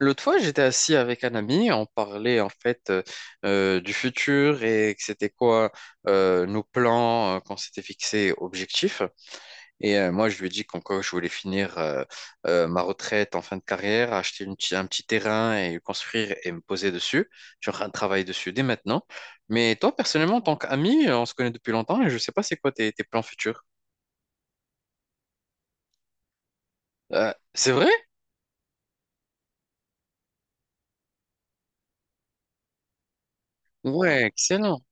L'autre fois, j'étais assis avec un ami, on parlait en fait du futur et que c'était quoi, nos plans, qu'on s'était fixés objectifs. Et moi, je lui ai dit qu'en quoi je voulais finir ma retraite en fin de carrière, acheter un petit terrain et le construire et me poser dessus. Je suis en train de travailler dessus dès maintenant. Mais toi, personnellement, en tant qu'ami, on se connaît depuis longtemps et je ne sais pas c'est quoi tes plans futurs. C'est vrai? Ouais, excellent.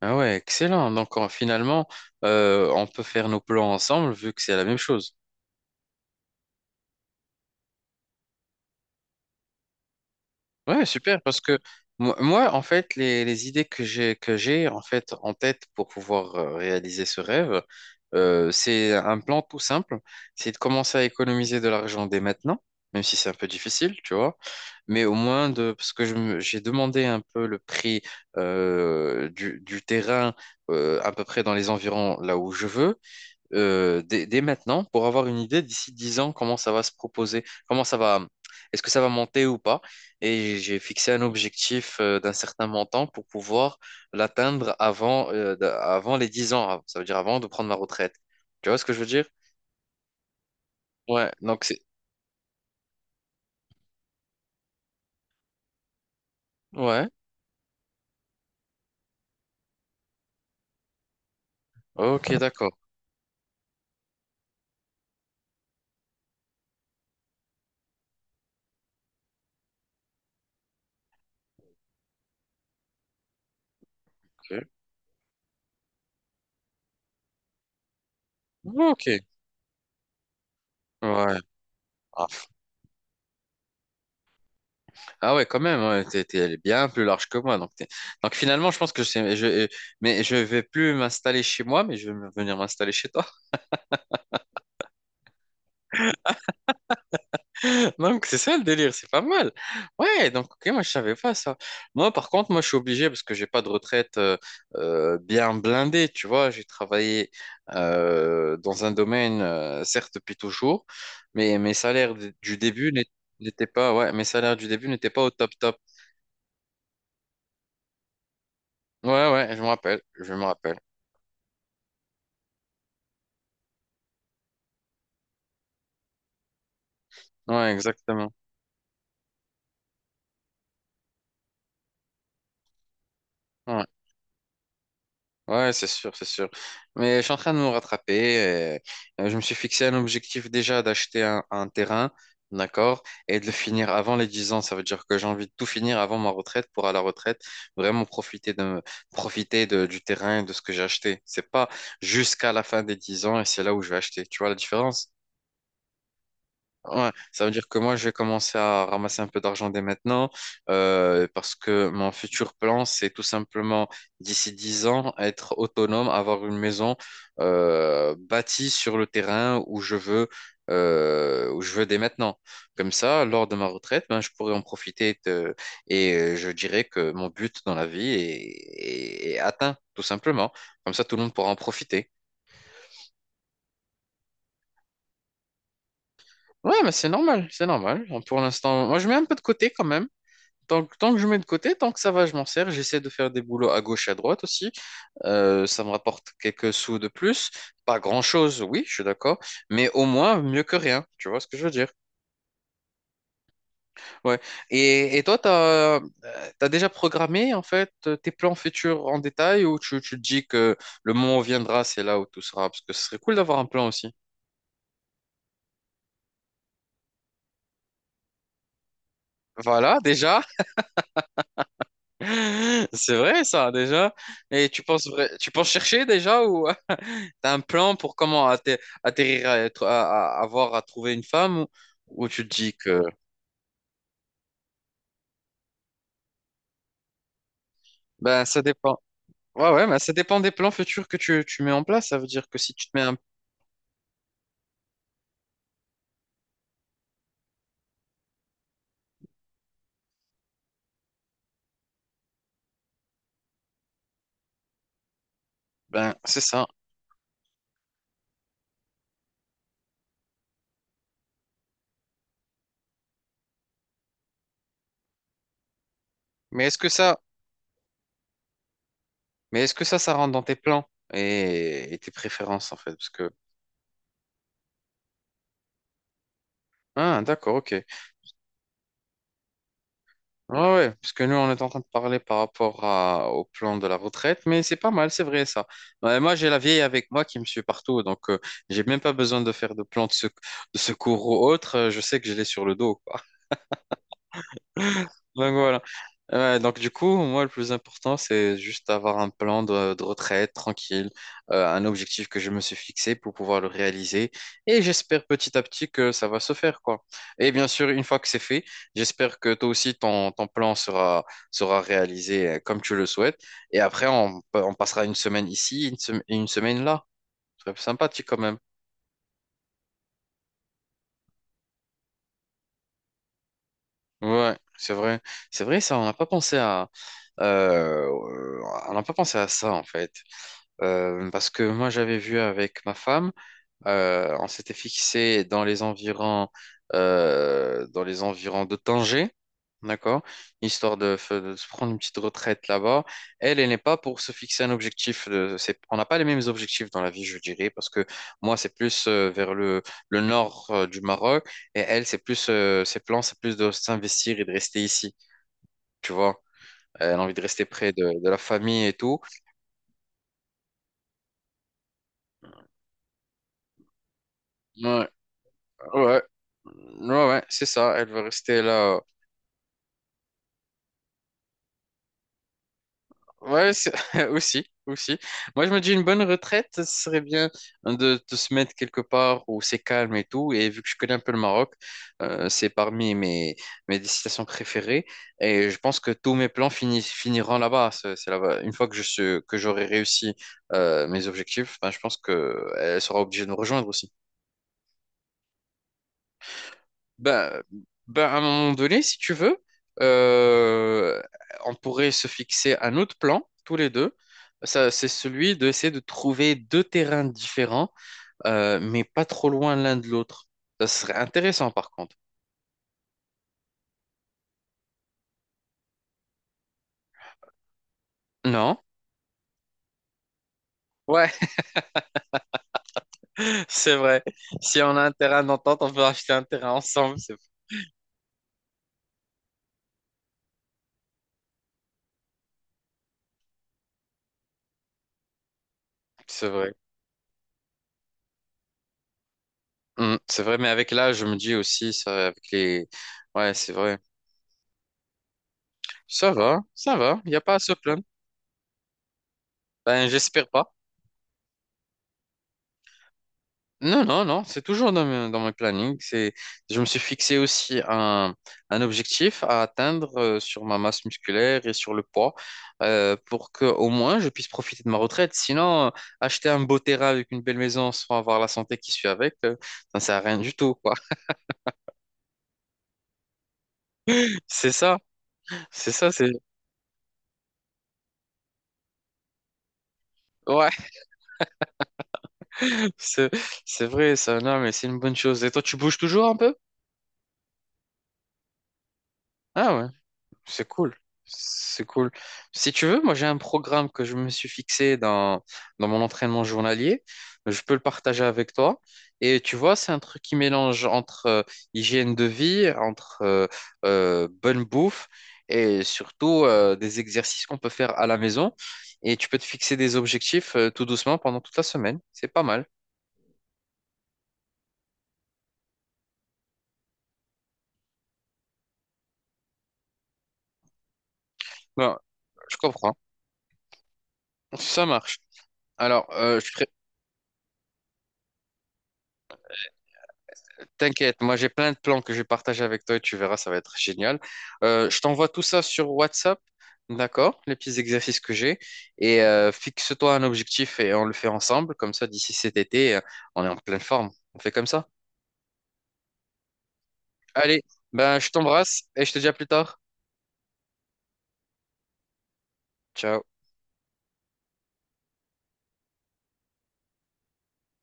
Ah ouais, excellent. Donc finalement, on peut faire nos plans ensemble vu que c'est la même chose. Ouais, super. Parce que moi, en fait, les idées que j'ai en fait en tête pour pouvoir réaliser ce rêve, c'est un plan tout simple. C'est de commencer à économiser de l'argent dès maintenant, même si c'est un peu difficile, tu vois. Mais au moins de parce que j'ai demandé un peu le prix du terrain, à peu près dans les environs là où je veux, dès maintenant pour avoir une idée d'ici 10 ans comment ça va se proposer, comment ça va, est-ce que ça va monter ou pas. Et j'ai fixé un objectif d'un certain montant pour pouvoir l'atteindre avant les 10 ans, ça veut dire avant de prendre ma retraite. Tu vois ce que je veux dire? Ouais, donc c'est. Ouais, ok, d'accord. Ok. Ok. Ouais. Ah ah ouais, quand même, ouais, t'es, t'es elle est bien plus large que moi. Donc, donc finalement, je pense que je sais, mais je vais plus m'installer chez moi, mais je vais venir m'installer chez toi. Donc, c'est ça le délire, c'est pas mal. Ouais, donc, ok, moi, je savais pas ça. Moi, par contre, moi, je suis obligé parce que j'ai pas de retraite bien blindée, tu vois. J'ai travaillé dans un domaine, certes, depuis toujours, mais mes salaires du début n'étaient pas. Ouais, mes salaires du début n'étaient pas au top top. Ouais, ouais, je me rappelle, je me rappelle. Ouais, exactement. Ouais. Ouais, c'est sûr, c'est sûr. Mais je suis en train de me rattraper. Et, je me suis fixé un objectif déjà d'acheter un terrain, d'accord, et de le finir avant les 10 ans. Ça veut dire que j'ai envie de tout finir avant ma retraite pour à la retraite vraiment profiter profiter du terrain et de ce que j'ai acheté. C'est pas jusqu'à la fin des 10 ans et c'est là où je vais acheter. Tu vois la différence? Ouais, ça veut dire que moi, je vais commencer à ramasser un peu d'argent dès maintenant, parce que mon futur plan, c'est tout simplement, d'ici 10 ans, être autonome, avoir une maison bâtie sur le terrain où je veux dès maintenant. Comme ça, lors de ma retraite, ben, je pourrais en profiter et je dirais que mon but dans la vie est atteint, tout simplement. Comme ça, tout le monde pourra en profiter. Ouais, mais c'est normal, c'est normal. Pour l'instant, moi, je mets un peu de côté quand même. Donc, tant que je mets de côté, tant que ça va, je m'en sers. J'essaie de faire des boulots à gauche et à droite aussi. Ça me rapporte quelques sous de plus. Pas grand-chose, oui, je suis d'accord. Mais au moins, mieux que rien. Tu vois ce que je veux dire? Ouais. Et toi, t'as déjà programmé, en fait, tes plans futurs en détail ou tu te dis que le moment viendra, c'est là où tout sera? Parce que ce serait cool d'avoir un plan aussi. Voilà, déjà. C'est vrai, ça, déjà. Et tu penses, tu penses chercher déjà ou. T'as un plan pour comment atterrir à, être- à- avoir à trouver une femme ou, tu te dis que ben ça dépend. Ouais ouais, mais ça dépend des plans futurs que tu mets en place. Ça veut dire que si tu te mets un. Ben, c'est ça. Mais est-ce que ça mais est-ce que ça rentre dans tes plans et tes préférences en fait parce que. Ah, d'accord, ok. Ouais, ouais, parce que nous, on est en train de parler par rapport au plan de la retraite, mais c'est pas mal, c'est vrai ça. Ouais, moi, j'ai la vieille avec moi qui me suit partout, donc j'ai même pas besoin de faire de plan de secours ou autre. Je sais que je l'ai sur le dos. Donc voilà. Ouais, donc du coup, moi, le plus important, c'est juste avoir un plan de retraite tranquille, un objectif que je me suis fixé pour pouvoir le réaliser. Et j'espère petit à petit que ça va se faire, quoi. Et bien sûr, une fois que c'est fait, j'espère que toi aussi, ton plan sera réalisé, comme tu le souhaites. Et après, on passera une semaine ici, et une semaine là. C'est sympathique quand même. Ouais, c'est vrai. C'est vrai, ça, euh, on n'a pas pensé à ça, en fait. Parce que moi, j'avais vu avec ma femme, on s'était fixé dans les environs de Tanger, d'accord? Histoire de se prendre une petite retraite là-bas. Elle, elle n'est pas pour se fixer un objectif. On n'a pas les mêmes objectifs dans la vie, je dirais, parce que moi, c'est plus vers le nord, du Maroc, et elle, ses plans, c'est plus de s'investir et de rester ici, tu vois? Elle a envie de rester près de la famille et tout. Ouais. Ouais, ouais, ouais, c'est ça, elle veut rester là. Ouais, aussi, aussi. Moi, je me dis une bonne retraite, ce serait bien de se mettre quelque part où c'est calme et tout. Et vu que je connais un peu le Maroc, c'est parmi mes destinations préférées. Et je pense que tous mes plans finiront là-bas. C'est là-bas. Une fois que que j'aurai réussi, mes objectifs, ben, je pense qu'elle sera obligée de nous rejoindre aussi. Ben, à un moment donné, si tu veux, euh, on pourrait se fixer un autre plan, tous les deux. Ça, c'est celui d'essayer de trouver deux terrains différents, mais pas trop loin l'un de l'autre. Ça serait intéressant, par contre. Non? Ouais, c'est vrai. Si on a un terrain d'entente, on peut acheter un terrain ensemble. C'est vrai. Mm, c'est vrai, mais avec l'âge, je me dis aussi, ça, avec les. Ouais, c'est vrai. Ça va, ça va. Il n'y a pas à se plaindre. Ben, j'espère pas. Non, non, non, c'est toujours dans mes plannings. Je me suis fixé aussi un objectif à atteindre, sur ma masse musculaire et sur le poids, pour que au moins je puisse profiter de ma retraite. Sinon, acheter un beau terrain avec une belle maison sans avoir la santé qui suit avec, ça ne sert à rien du tout, quoi. C'est ça, c'est ça, c'est ouais. c'est c'est vrai, ça, non, mais c'est une bonne chose. Et toi, tu bouges toujours un peu? Ah ouais. C'est cool. C'est cool. Si tu veux, moi j'ai un programme que je me suis fixé dans mon entraînement journalier. Je peux le partager avec toi. Et tu vois, c'est un truc qui mélange entre hygiène de vie, entre bonne bouffe et surtout des exercices qu'on peut faire à la maison. Et tu peux te fixer des objectifs, tout doucement pendant toute la semaine. C'est pas mal. Bon, je comprends. Ça marche. Alors, t'inquiète, moi j'ai plein de plans que je vais partager avec toi et tu verras, ça va être génial. Je t'envoie tout ça sur WhatsApp, d'accord? Les petits exercices que j'ai. Et fixe-toi un objectif et on le fait ensemble. Comme ça, d'ici cet été, on est en pleine forme. On fait comme ça. Allez, ben, je t'embrasse et je te dis à plus tard. Ciao.